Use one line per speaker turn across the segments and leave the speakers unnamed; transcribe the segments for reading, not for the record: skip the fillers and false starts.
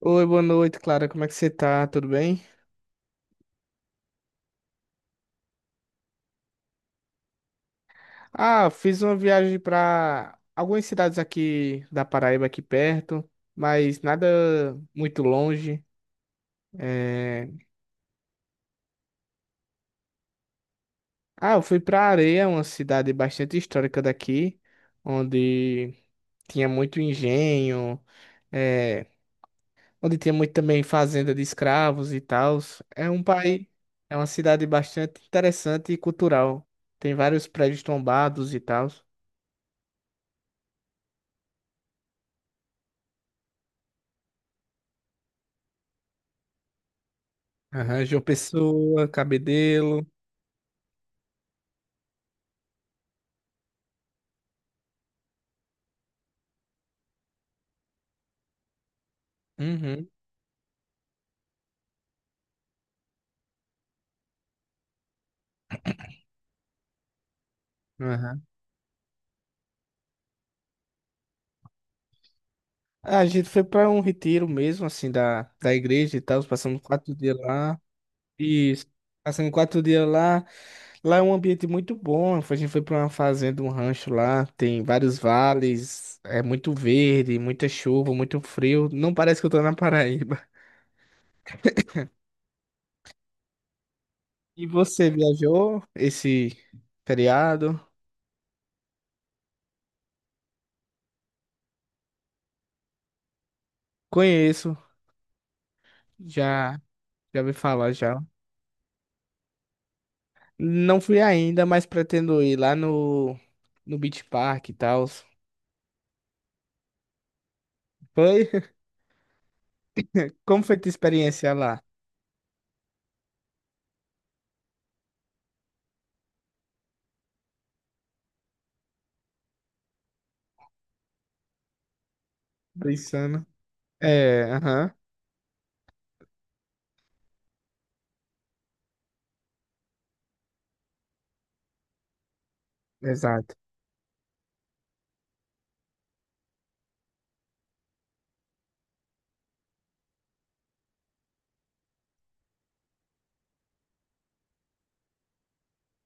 Oi, boa noite, Clara. Como é que você tá? Tudo bem? Ah, fiz uma viagem para algumas cidades aqui da Paraíba, aqui perto, mas nada muito longe. É, Ah, eu fui para Areia, uma cidade bastante histórica daqui, onde tinha muito engenho, é, onde tinha muito também fazenda de escravos e tal. É um país, é uma cidade bastante interessante e cultural. Tem vários prédios tombados e tal. Aham, João Pessoa, Cabedelo. Uhum. Aham. Ah, a gente foi para um retiro mesmo, assim, da igreja e tal. Passamos quatro dias lá. Isso. Passamos quatro dias lá. Lá é um ambiente muito bom. A gente foi para uma fazenda, um rancho lá. Tem vários vales. É muito verde, muita chuva, muito frio. Não parece que eu tô na Paraíba. E você viajou esse feriado? Conheço. Já, já ouvi falar já. Não fui ainda, mas pretendo ir lá no Beach Park e tal. Foi? Como foi tua experiência lá? Pensando. É, aham, exato.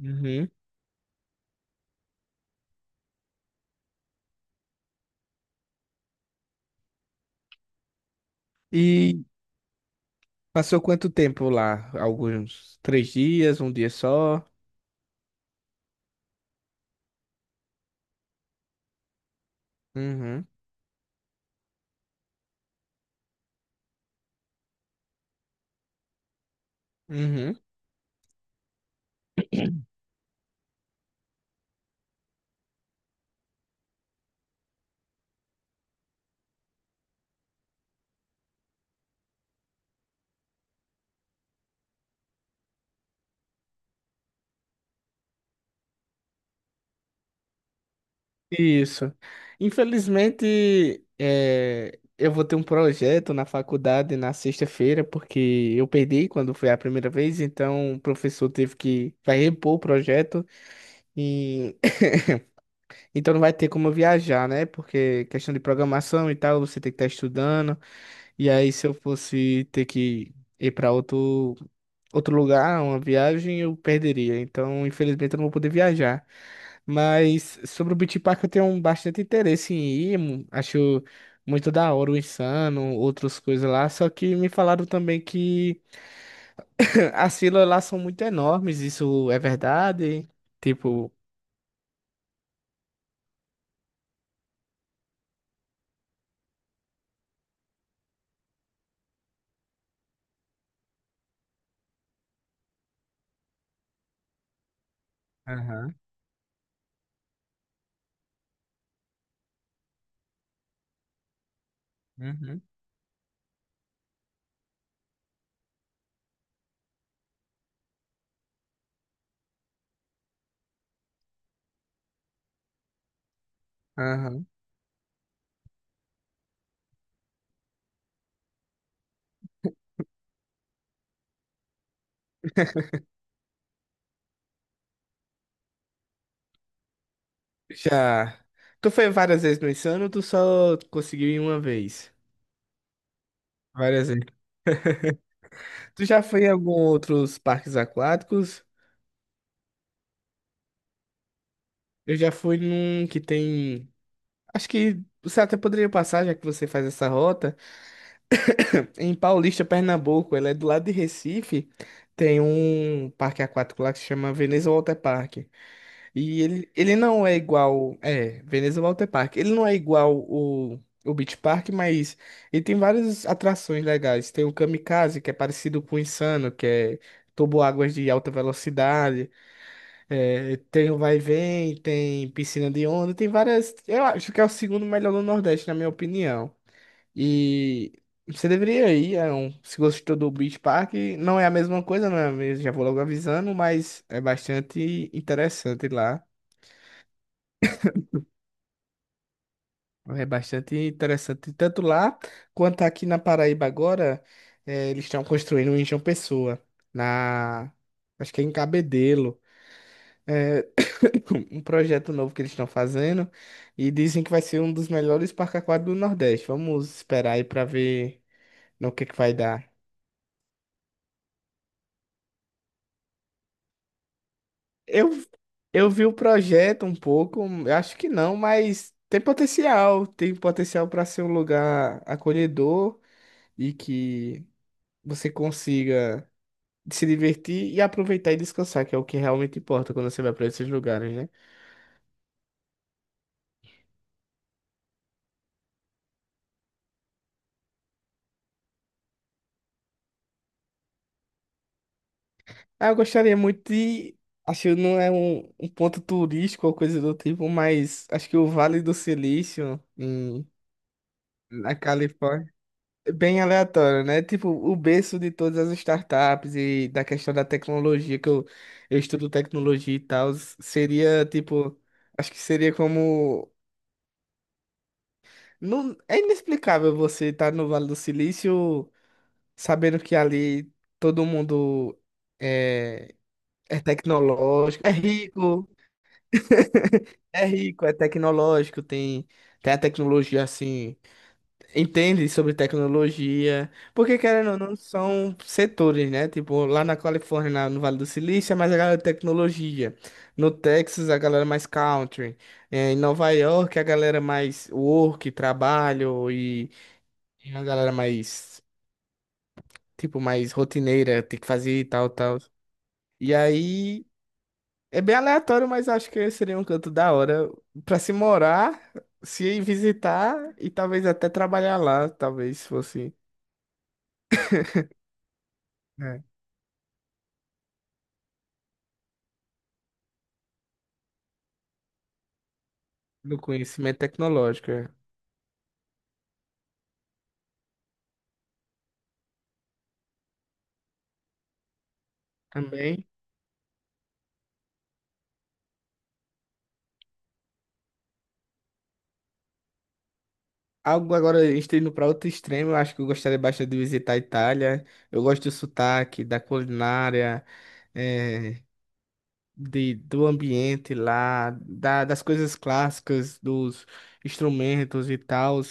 Uhum. E passou quanto tempo lá? Alguns três dias, um dia só? Uhum, uhum. Isso. Infelizmente, é, eu vou ter um projeto na faculdade na sexta-feira, porque eu perdi quando foi a primeira vez, então o professor teve que vai repor o projeto. E Então não vai ter como eu viajar, né? Porque questão de programação e tal, você tem que estar estudando. E aí, se eu fosse ter que ir para outro lugar, uma viagem, eu perderia. Então, infelizmente, eu não vou poder viajar. Mas sobre o Beach Park, eu tenho um bastante interesse em ir. Acho muito da hora o Insano, outras coisas lá. Só que me falaram também que as filas lá são muito enormes. Isso é verdade? Tipo. Aham, uhum, aham. Já. Tu foi várias vezes no Insano ou tu só conseguiu ir uma vez? Várias vezes. Tu já foi em algum outros parques aquáticos? Eu já fui num que tem. Acho que você até poderia passar, já que você faz essa rota. Em Paulista, Pernambuco, ela é do lado de Recife. Tem um parque aquático lá que se chama Veneza Water Park. E ele não é igual. É, Veneza Water Park. Ele não é igual o Beach Park, mas ele tem várias atrações legais. Tem o Kamikaze, que é parecido com o Insano, que é águas de alta velocidade. É, tem o Vai e Vem, tem piscina de onda, tem várias. Eu acho que é o segundo melhor do Nordeste, na minha opinião. E você deveria ir, é um, se gostou do Beach Park, não é a mesma coisa, não é mesmo? Já vou logo avisando, mas é bastante interessante lá. É bastante interessante. Tanto lá quanto aqui na Paraíba agora, eh, eles estão construindo um em João Pessoa, na, acho que é em Cabedelo. É, um projeto novo que eles estão fazendo e dizem que vai ser um dos melhores parques aquáticos do Nordeste. Vamos esperar aí para ver no que vai dar. Eu, eu vi o projeto um pouco, eu acho que não, mas tem potencial para ser um lugar acolhedor e que você consiga de se divertir e aproveitar e descansar, que é o que realmente importa quando você vai para esses lugares, né? Ah, eu gostaria muito de. Acho que não é um ponto turístico ou coisa do tipo, mas acho que o Vale do Silício, em, na Califórnia, é bem aleatório, né? Tipo, o berço de todas as startups e da questão da tecnologia, que eu estudo tecnologia e tal, seria tipo. Acho que seria como. Não, é inexplicável você estar no Vale do Silício sabendo que ali todo mundo é, é tecnológico, é rico, é rico, é tecnológico, tem, tem a tecnologia assim, entende sobre tecnologia, porque querendo ou não, são setores, né? Tipo, lá na Califórnia, no Vale do Silício, é mais a galera de tecnologia, no Texas, a galera mais country, é, em Nova York, a galera mais work, trabalho e a galera mais. Tipo, mais rotineira, tem que fazer e tal, tal. E aí é bem aleatório, mas acho que seria um canto da hora para se morar, se ir visitar e talvez até trabalhar lá, talvez fosse, né, no conhecimento tecnológico. É. Também. Algo agora, a gente tá indo para outro extremo, eu acho que eu gostaria bastante de visitar a Itália. Eu gosto do sotaque, da culinária, é, de, do ambiente lá, das coisas clássicas, dos instrumentos e tal.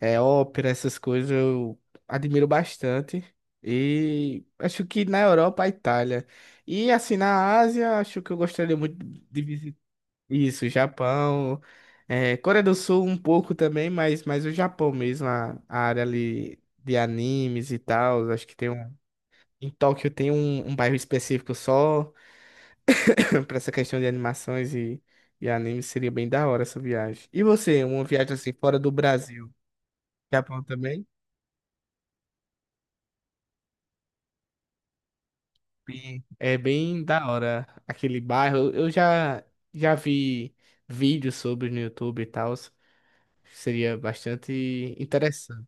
É, ópera, essas coisas eu admiro bastante. E acho que na Europa, a Itália. E assim, na Ásia, acho que eu gostaria muito de visitar isso, Japão, é, Coreia do Sul um pouco também, mas o Japão mesmo, a área ali de animes e tal. Acho que tem um. Em Tóquio tem um bairro específico só para essa questão de animações e animes. Seria bem da hora essa viagem. E você, uma viagem assim fora do Brasil? Japão também? É bem da hora aquele bairro. Eu já já vi vídeos sobre no YouTube e tal. Seria bastante interessante.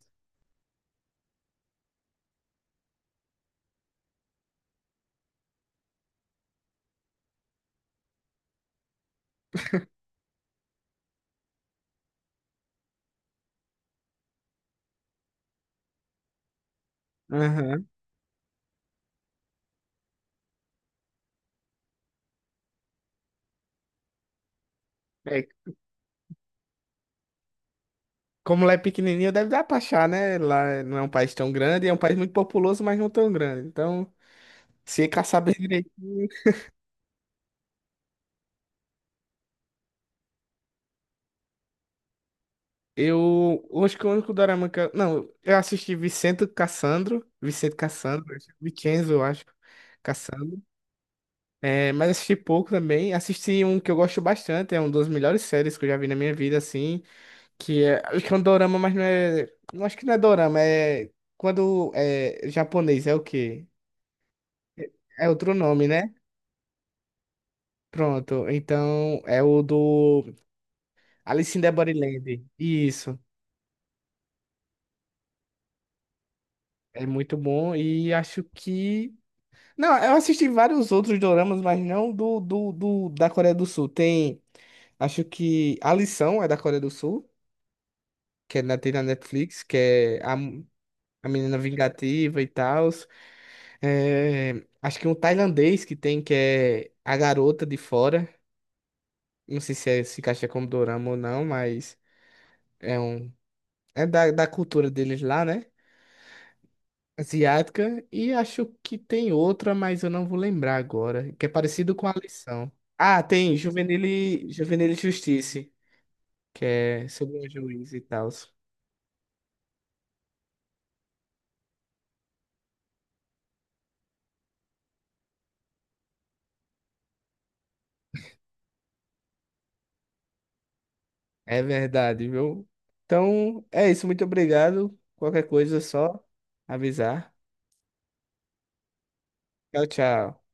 Aham. É, como lá é pequenininho, deve dar pra achar, né? Lá não é um país tão grande, é um país muito populoso, mas não tão grande. Então, se é caçar bem direitinho, eu acho que o único dorama que eu, não, eu assisti Vicente Cassandro, Vicente Cassandro, Vicenzo, eu acho, Cassandro. É, mas assisti pouco também. Assisti um que eu gosto bastante, é uma das melhores séries que eu já vi na minha vida, assim, que é, acho que é um dorama, mas não é, não acho que não é dorama, é quando é japonês, é o quê? É outro nome, né? Pronto, então é o do Alice in the Borderland. Isso, é muito bom e acho que não, eu assisti vários outros doramas, mas não do da Coreia do Sul. Tem, acho que A Lição é da Coreia do Sul que é na, tem na Netflix, que é a menina vingativa e tal. É, acho que um tailandês que tem, que é A Garota de Fora. Não sei se encaixa como dorama ou não, mas é um. É da cultura deles lá, né? Asiática. E acho que tem outra, mas eu não vou lembrar agora. Que é parecido com a lição. Ah, tem Juvenil e Justiça, que é sobre um juiz e tal. É verdade, viu? Então, é isso. Muito obrigado. Qualquer coisa, é só avisar. Tchau, tchau.